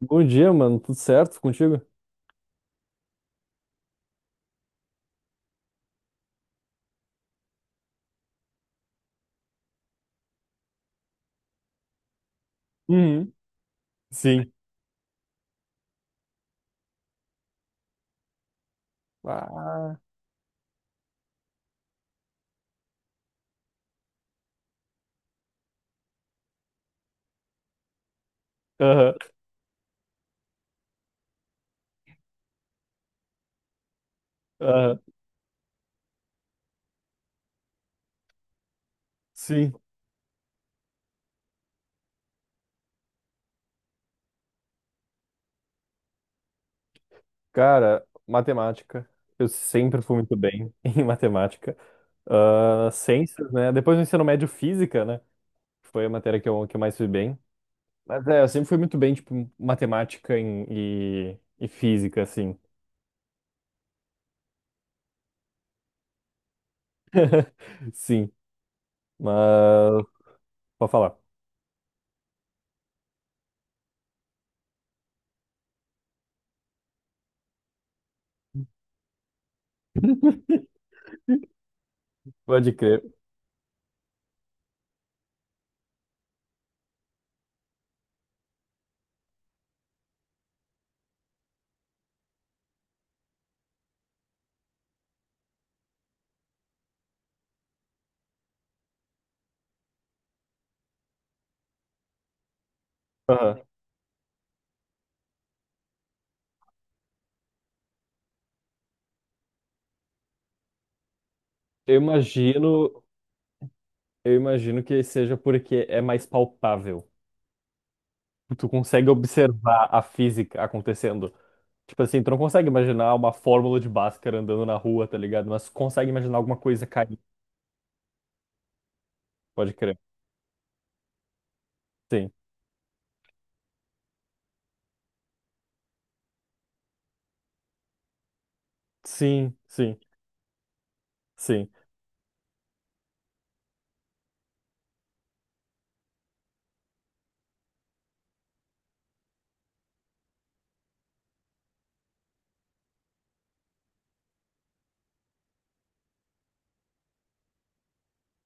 Bom dia, mano. Tudo certo contigo? Uhum. Sim. Ah. Aham. Aham. Sim. Cara, matemática. Eu sempre fui muito bem em matemática. Ah, ciências, né? Depois do ensino médio, física, né? Foi a matéria que eu mais fui bem. Mas é, eu sempre fui muito bem, tipo, matemática e física, assim. Sim. Mas, pode falar. Pode crer. Aham. Eu imagino, eu imagino que seja porque é mais palpável. Tu consegue observar a física acontecendo. Tipo assim, tu não consegue imaginar uma fórmula de Bhaskara andando na rua, tá ligado? Mas consegue imaginar alguma coisa caindo, pode crer. Sim, sim, sim, sim,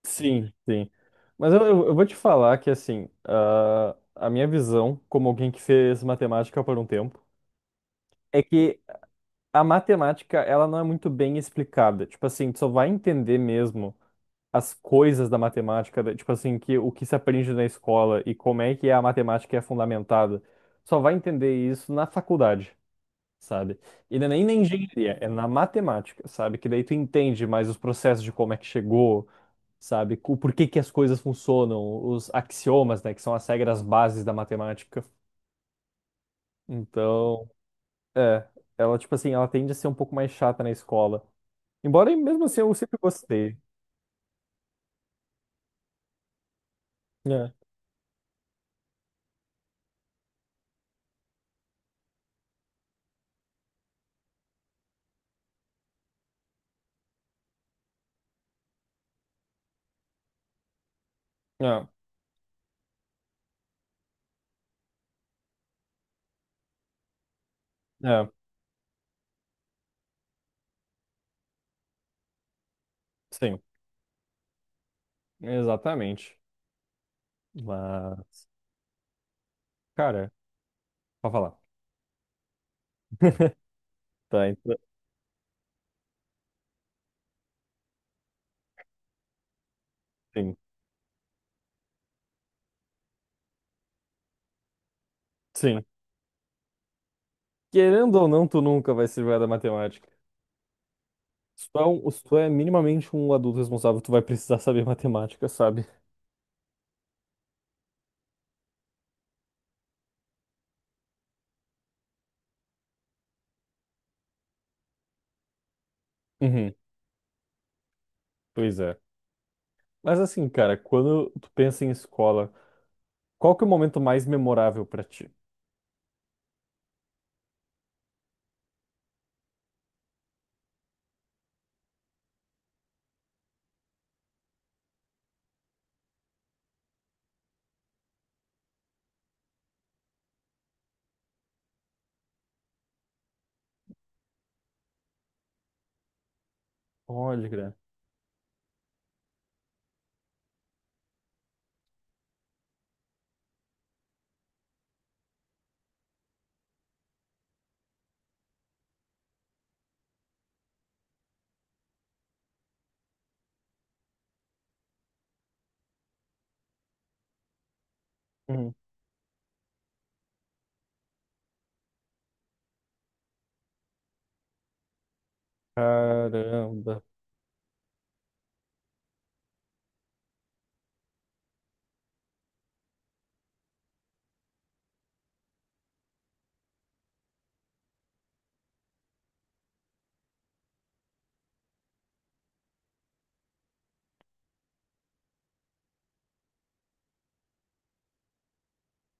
sim, sim. Mas eu vou te falar que, assim, a minha visão, como alguém que fez matemática por um tempo, é que a matemática, ela não é muito bem explicada. Tipo assim, tu só vai entender mesmo as coisas da matemática, tipo assim, que o que se aprende na escola e como é que a matemática é fundamentada, só vai entender isso na faculdade, sabe? E não é nem na engenharia, é na matemática, sabe? Que daí tu entende mais os processos de como é que chegou, sabe? O porquê que as coisas funcionam, os axiomas, né, que são as regras bases da matemática. Então, é, ela, tipo assim, ela tende a ser um pouco mais chata na escola. Embora, mesmo assim, eu sempre gostei. É, é, é, sim, exatamente. Mas, cara, pode falar. Tá, então, sim. Sim. Querendo ou não, tu nunca vai se livrar da matemática. Se tu é minimamente um adulto responsável, tu vai precisar saber matemática, sabe? Uhum. Pois é. Mas assim, cara, quando tu pensa em escola, qual que é o momento mais memorável pra ti? Olha, cara. Uhum. Caramba.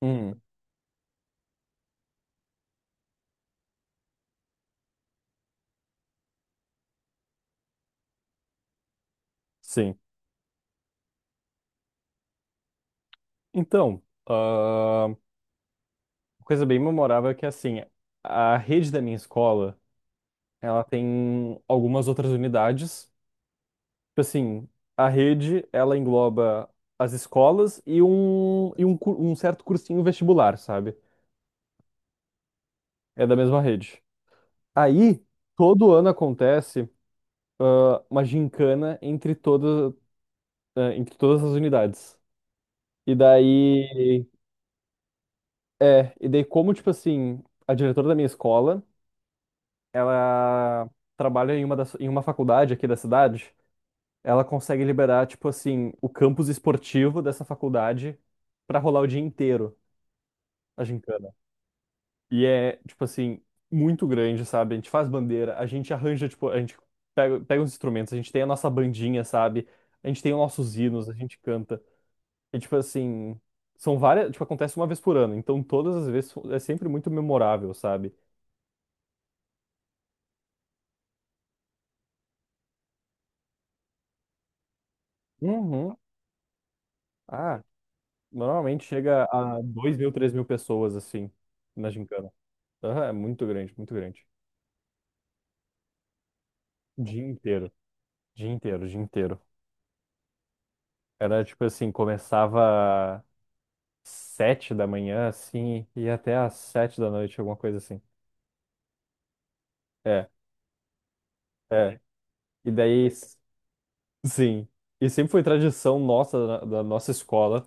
Hum, sim. Então, uma coisa bem memorável é que assim, a rede da minha escola. Ela tem algumas outras unidades. Tipo assim, a rede, ela engloba as escolas e um certo cursinho vestibular, sabe? É da mesma rede. Aí, todo ano acontece uma gincana entre todas as unidades. E daí, e daí como, tipo assim, a diretora da minha escola, ela trabalha em uma faculdade aqui da cidade. Ela consegue liberar, tipo assim, o campus esportivo dessa faculdade pra rolar o dia inteiro a gincana. E é, tipo assim, muito grande, sabe? A gente faz bandeira, a gente arranja, tipo, a gente pega os instrumentos, a gente tem a nossa bandinha, sabe? A gente tem os nossos hinos, a gente canta. E, tipo assim, são várias, tipo, acontece uma vez por ano, então todas as vezes é sempre muito memorável, sabe? Uhum. Ah, normalmente chega a 2.000, 3.000 pessoas, assim, na gincana. Aham, é muito grande, muito grande. Dia inteiro, dia inteiro, dia inteiro. Era tipo assim, começava 7 da manhã, assim, e ia até às 7 da noite, alguma coisa assim. É, é. E daí, sim. E sempre foi tradição nossa, da nossa escola,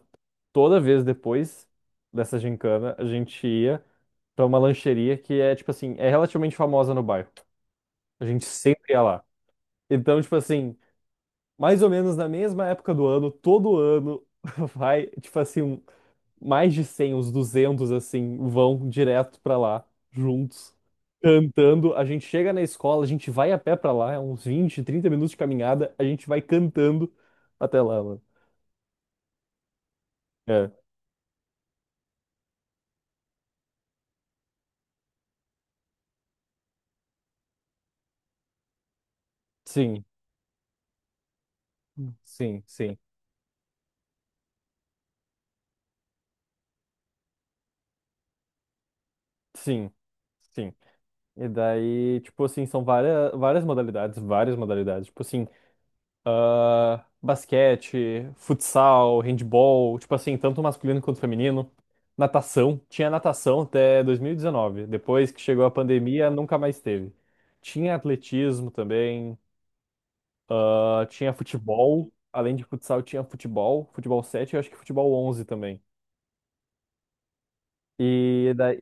toda vez depois dessa gincana, a gente ia pra uma lancheria que é, tipo assim, é relativamente famosa no bairro. A gente sempre ia lá. Então, tipo assim, mais ou menos na mesma época do ano, todo ano, vai, tipo assim, um mais de 100, uns 200 assim, vão direto pra lá, juntos, cantando. A gente chega na escola, a gente vai a pé pra lá, é uns 20, 30 minutos de caminhada, a gente vai cantando até lá, mano. É, sim, sim, sim, sim, sim. E daí, tipo assim, são várias, várias modalidades, várias modalidades. Tipo assim, basquete, futsal, handball, tipo assim, tanto masculino quanto feminino. Natação, tinha natação até 2019. Depois que chegou a pandemia, nunca mais teve. Tinha atletismo também, tinha futebol. Além de futsal, tinha futebol, futebol 7, e eu acho que futebol 11 também. E daí,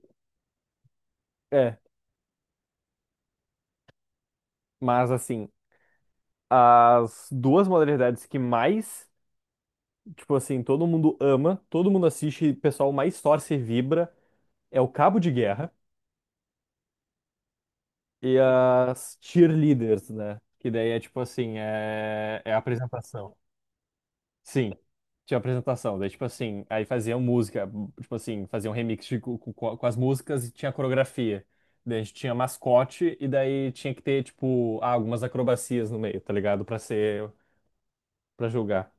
é, mas assim, as duas modalidades que mais, tipo assim, todo mundo ama, todo mundo assiste, e o pessoal mais torce e vibra é o cabo de guerra e as cheerleaders, né? Que daí é tipo assim, é a apresentação. Sim, tinha apresentação. Daí, tipo assim, aí faziam música, tipo assim, faziam remix com as músicas e tinha coreografia. Daí a gente tinha mascote e daí tinha que ter, tipo, algumas acrobacias no meio, tá ligado? Pra ser, pra julgar.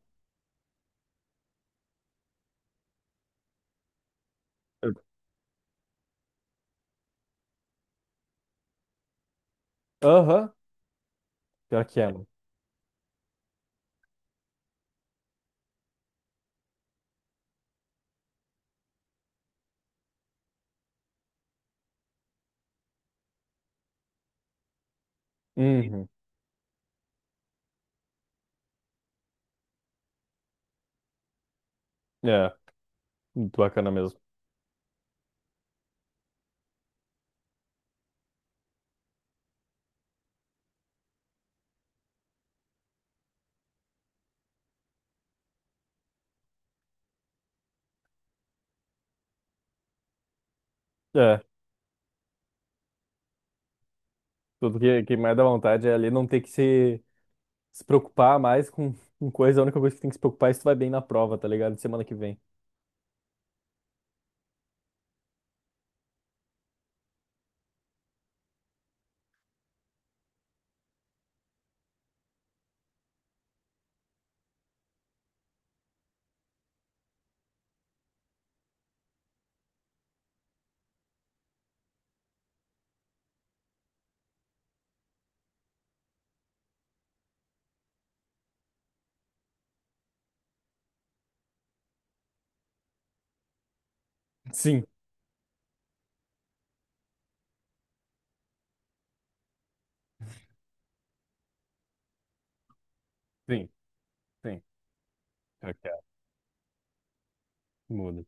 Aham, pior que é, mano. Uhum. É, muito bacana mesmo. É, tudo que mais dá vontade é ali não ter que se preocupar mais com coisa, a única coisa que tem que se preocupar é se tu vai bem na prova, tá ligado? De semana que vem. Sim, sim, sim. Eu quero. Muda.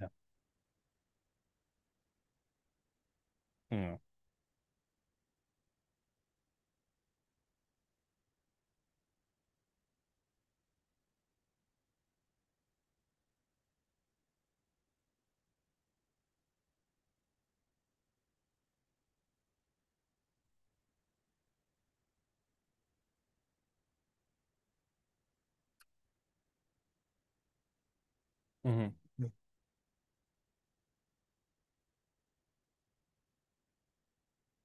É. Hum, uhum.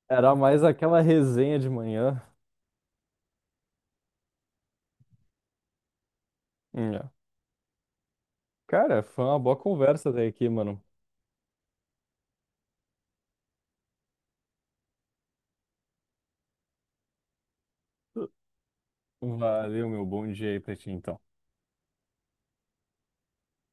Era mais aquela resenha de manhã. É. Cara, foi uma boa conversa até aqui, mano. Valeu, meu bom dia aí pra ti, então.